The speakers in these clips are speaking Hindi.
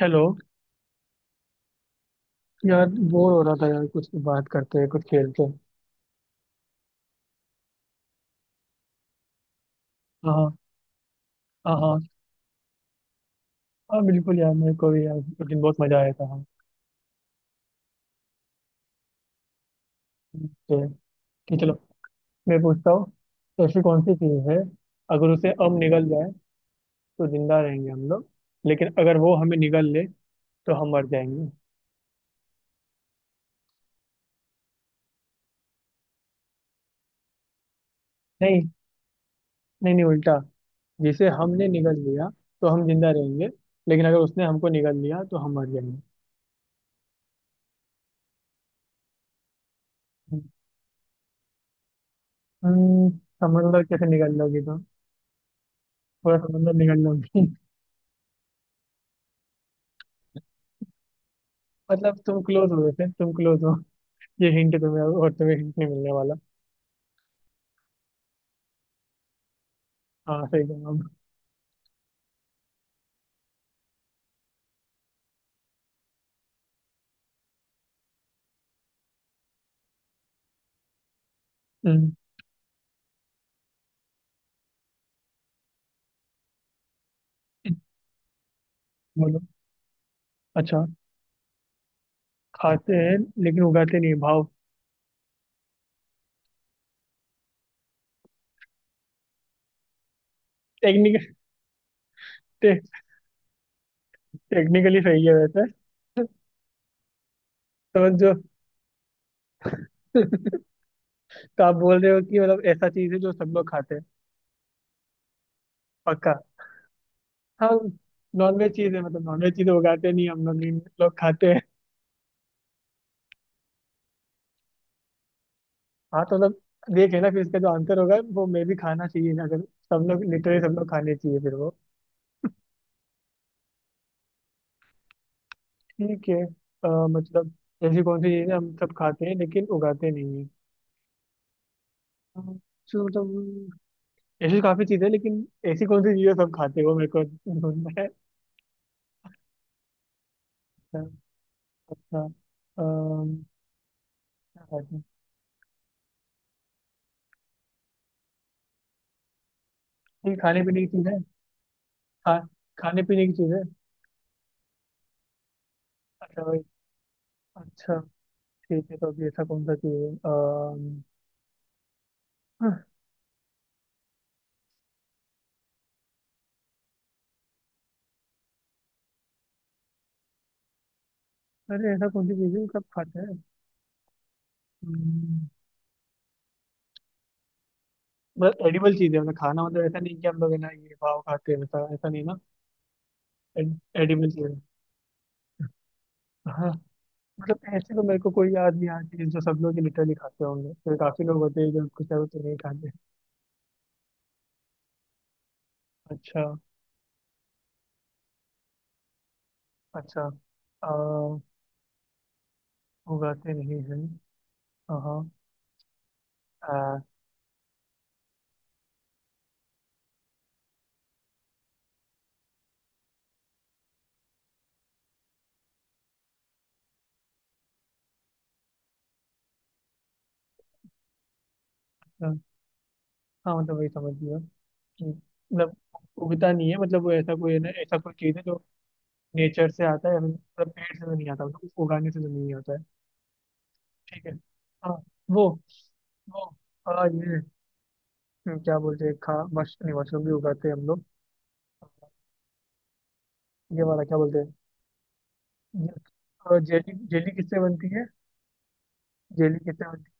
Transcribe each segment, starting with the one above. हेलो। यार बोर हो रहा था यार, कुछ बात करते हैं कुछ खेलते हैं। हाँ। हाँ हाँ। हाँ बिल्कुल यार, मेरे को भी यार उस दिन बहुत मजा आया था, हाँ। तो कि चलो, मैं पूछता हूँ। तो ऐसी कौन सी चीज़ है अगर उसे अब निगल जाए तो जिंदा रहेंगे हम लोग, लेकिन अगर वो हमें निगल ले तो हम मर जाएंगे। नहीं नहीं नहीं, उल्टा। जिसे हमने निगल लिया तो हम जिंदा रहेंगे, लेकिन अगर उसने हमको निगल लिया तो हम मर जाएंगे। हम्म, समझ लो, कैसे निगल लोगी तो। थोड़ा समझ लो निगल लोगी। मतलब तुम क्लोज हो, वैसे तुम क्लोज हो। ये हिंट तुम्हें, और तुम्हें हिंट नहीं मिलने वाला। हाँ, सही जवाब। हम्म। बोलो। अच्छा, खाते हैं लेकिन उगाते नहीं, भाव। टेक्निकल टे, टेक्निकली सही है वैसे। समझ जो। तो आप बोल रहे हो कि मतलब ऐसा चीज है जो सब लोग खाते हैं, पक्का? हाँ। नॉनवेज चीज है, मतलब नॉनवेज चीज उगाते नहीं हम लोग, नहीं लोग खाते हैं। हाँ तो मतलब देखे ना, फिर इसका जो आंसर होगा वो मैं भी खाना चाहिए ना, अगर सब लोग लिटरली सब लोग खाने चाहिए फिर वो। ठीक है, मतलब ऐसी कौन सी चीज़ है हम सब खाते हैं लेकिन उगाते नहीं है? तो मतलब ऐसी काफ़ी चीज़ें हैं, लेकिन ऐसी कौन सी चीज़ें सब खाते हैं वो मेरे को ढूंढना है। अच्छा। अच्छा, अम, क्या खाते हैं? ठीक, खाने पीने की चीज़ है? खा खाने पीने की चीज़ है। अच्छा भाई। अच्छा। ठीक है, तो अभी ऐसा कौन सा चीज़ है हाँ, अरे ऐसा कौन सी चीज़ है जो सब खाते हैं? हम्म, मतलब एडिबल चीज़ है, मतलब खाना, मतलब ऐसा नहीं कि हम लोग है ना ये पाव खाते हैं वैसा, ऐसा नहीं ना। एडिबल चीज़ है। हाँ। मतलब ऐसे तो मेरे को कोई याद नहीं आ रही है जो सब लोग लिटरली खाते होंगे, तो काफी लोग होते हैं जो कुछ ना कुछ तो नहीं खाते। अच्छा। अच्छा। आ, उगाते नहीं है, हाँ हाँ। आ, हाँ हाँ, मतलब वही समझ लिया कि मतलब उगता नहीं है, मतलब वो ऐसा कोई है ना, ऐसा कोई चीज़ है जो नेचर से आता है, मतलब पेड़ से तो नहीं आता, मतलब उगाने से तो नहीं होता है। ठीक है। हाँ। वो वो हाँ ये क्या बोलते हैं खा मश नहीं, मशरूम भी उगाते हैं हम लोग। ये वाला क्या बोलते हैं? और जेली, जेली किससे बनती है? जेली किससे बनती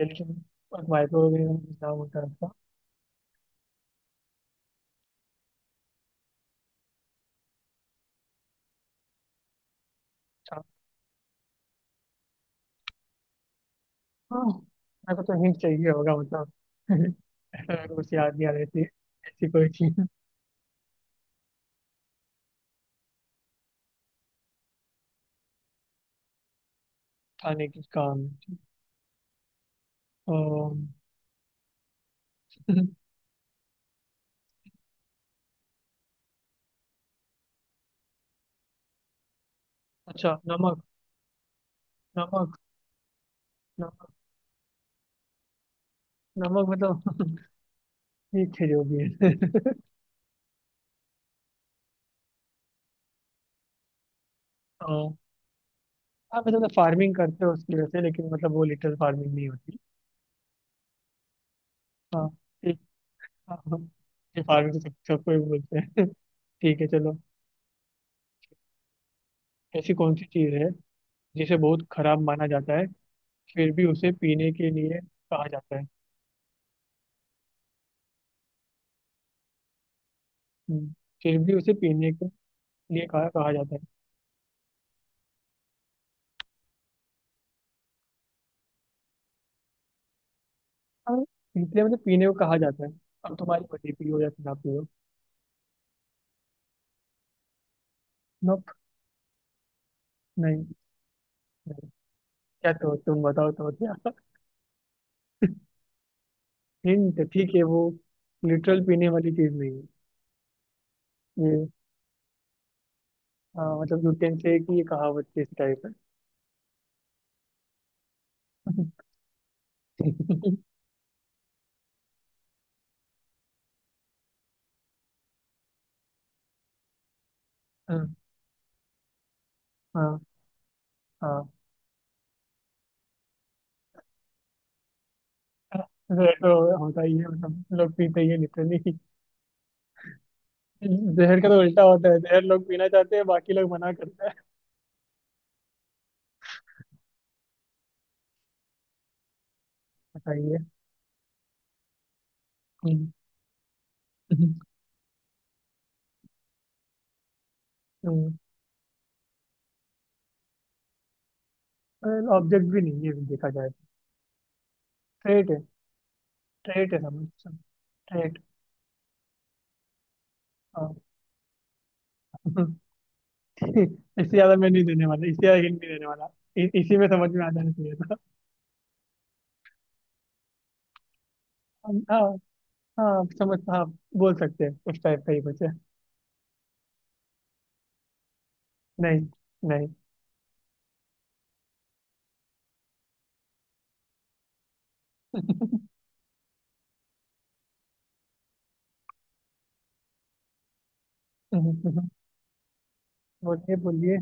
है? जेली के माइक्रोवेव में कुछ नाम होता है उसका। अच्छा। हाँ मेरे को तो हिंट चाहिए होगा, मतलब। ऐसा मेरे को कुछ याद नहीं आ रही थी। ऐसी कोई चीज खाने की काम। अम, अच्छा, नमक। नमक। नमक। नमक मतलब, ठीक है जो भी है। हाँ। हाँ मतलब फार्मिंग करते हो उसकी वजह से, लेकिन मतलब वो लिटिल फार्मिंग नहीं होती। हाँ, ठीक। हाँ हाँ। ये फार्मिंग तो सब सबको ही बोलते हैं। ठीक है चलो। ऐसी कौन सी चीज है जिसे बहुत खराब माना जाता है फिर भी उसे पीने के लिए कहा जाता है? हम्म, फिर भी उसे पीने के लिए कहा कहा जाता है। हाँ, इसलिए मतलब पीने को कहा जाता है, अब तुम्हारी मर्जी पियो या ना पियो। नोप। नहीं नहीं। क्या, तो तुम बताओ तो क्या? हिंट, ठीक है वो लिटरल पीने वाली चीज नहीं है। ये, हाँ, मतलब यूटेंसिल की ये कहावत के इस टाइप है। हाँ हाँ हाँ, वैसे तो होता ही है मतलब लोग पीते ही लिटरली। जहर का तो उल्टा होता है, जहर लोग पीना चाहते हैं बाकी लोग मना करते हैं। बताइए। हम्म। ऑब्जेक्ट भी नहीं है देखा जाए, ट्रेट है। ट्रेट है समझ, ट्रेट। हाँ। इससे ज्यादा मैं नहीं देने वाला, इससे ज्यादा हिंट नहीं देने वाला। इसी में समझ में आ जाना चाहिए था। हाँ हाँ समझ हाँ। बोल सकते हैं उस टाइप का ही कुछ है। नहीं नहीं। बोलिए बोलिए।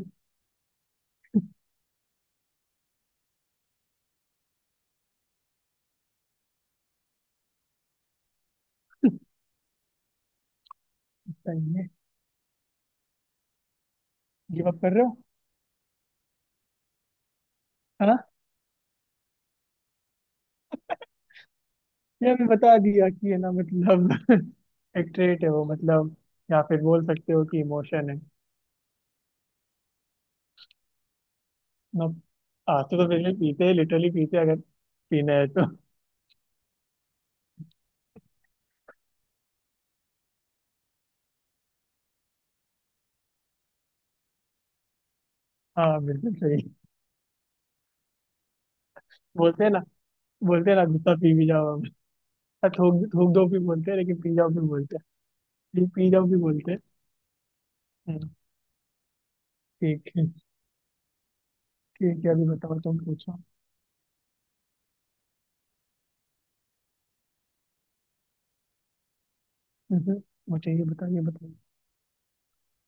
सही है। गिव अप कर रहे हो? है। ये हमने बता दिया कि है ना मतलब, एक ट्रेट है वो मतलब, या फिर बोल सकते हो कि इमोशन है। ना, आंसू तो बिल्कुल पीते हैं लिटरली पीते हैं अगर पीना है तो। हाँ बिल्कुल सही। बोलते हैं ना। बोलते हैं ना, गुस्सा पी भी जाओ हम। हाँ, थूक थूक दो भी बोलते हैं लेकिन पी जाओ भी बोलते हैं। पी पी जाओ भी बोलते हैं। हम्म, ठीक है। ठीक है अभी बताओ तुम पूछो। हम्म, मुझे ये बताओ ये बताओ।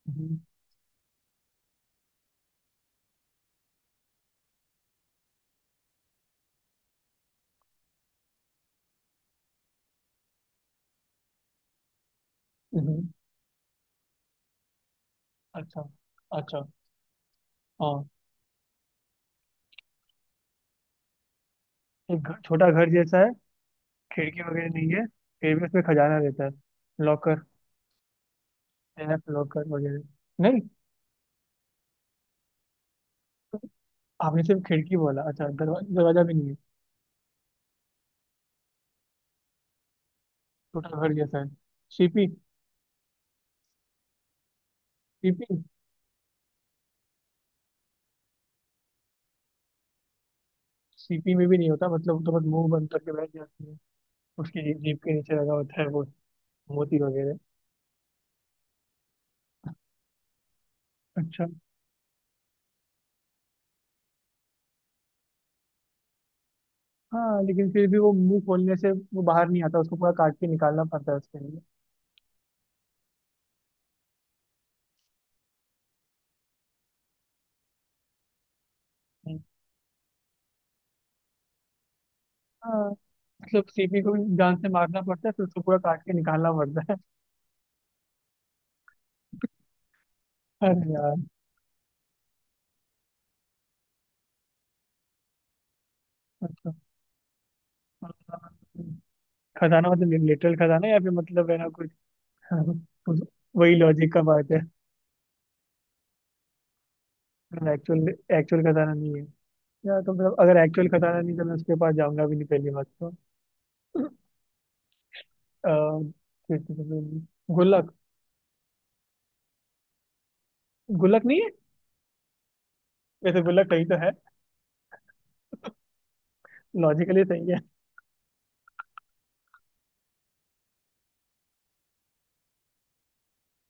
हम्म, हम्म, अच्छा, अच्छा, हाँ, एक घर, छोटा घर जैसा है, खिड़की वगैरह नहीं है, फिर भी उसमें खजाना रहता है? लॉकर? एफ लॉकर वगैरह? नहीं, आपने सिर्फ खिड़की बोला, अच्छा दरवाजा भी नहीं है? छोटा घर जैसा है, सीपी? सीपी। सीपी में भी नहीं होता, मतलब वो तो बस मुंह बंद करके बैठ जाती है, उसकी जीभ के नीचे लगा होता है वो मोती वगैरह। अच्छा, हाँ, लेकिन फिर भी वो मुंह खोलने से वो बाहर नहीं आता, उसको पूरा काट के निकालना पड़ता है उसके लिए। हम्म। हाँ मतलब सीपी को भी जान से मारना पड़ता है, फिर उसको पूरा काट के निकालना पड़ता है। अरे यार, अच्छा, खजाना मतलब लिटरल खजाना या फिर मतलब है ना कुछ? उस- वही लॉजिक का बात है, एक्चुअल एक्चुअल खजाना नहीं है, या तो मतलब अगर एक्चुअल खजाना नहीं तो मैं उसके पास जाऊंगा भी नहीं पहली बात तो। अ, फिर तो मतलब, गुल्लक? गुल्लक नहीं है? वैसे गुल्लक सही तो है, लॉजिकली सही है।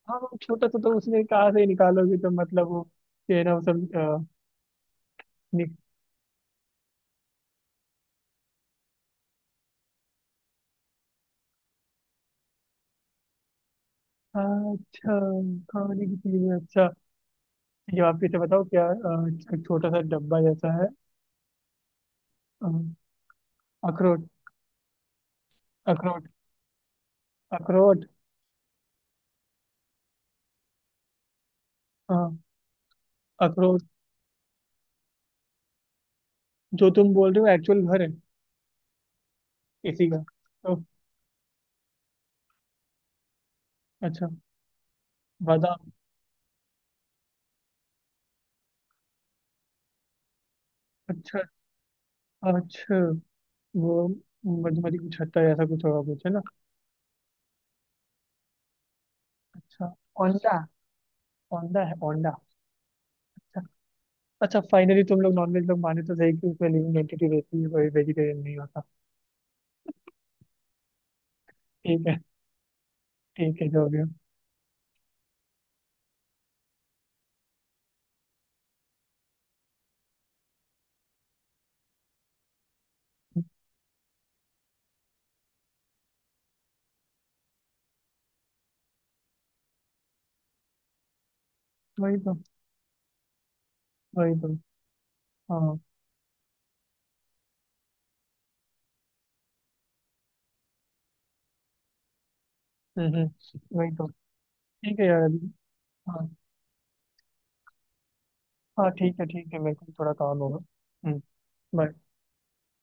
हाँ वो छोटा सा तो उसने कहा से ही निकालोगे तो मतलब वो ये है ना वो सब नि- अच्छा, खाने की चीज है? अच्छा, ये आप इसे बताओ क्या एक छोटा सा डब्बा जैसा है? अ, अखरोट? अखरोट? अखरोट? हाँ, अखरोट जो तुम बोल रहे हो एक्चुअल घर है इसी का तो। अच्छा, बादाम। अच्छा। अच्छा, वो मधुमति कुछ होता है ऐसा, कुछ होगा कुछ है ना। अच्छा, औंधा। औंधा है औंधा। अच्छा। अच्छा, फाइनली तुम लोग नॉनवेज लोग माने तो सही कि उसमें लिविंग एंटिटी रहती है, कोई वेजिटेरियन नहीं होता। ठीक है। ठीक है जो भी हो। वही तो। वही तो। हाँ। हम्म हम्म, वही तो। ठीक है यार अभी। हाँ। हाँ ठीक है ठीक है, मेरे को भी थोड़ा काम होगा। हम्म। bye।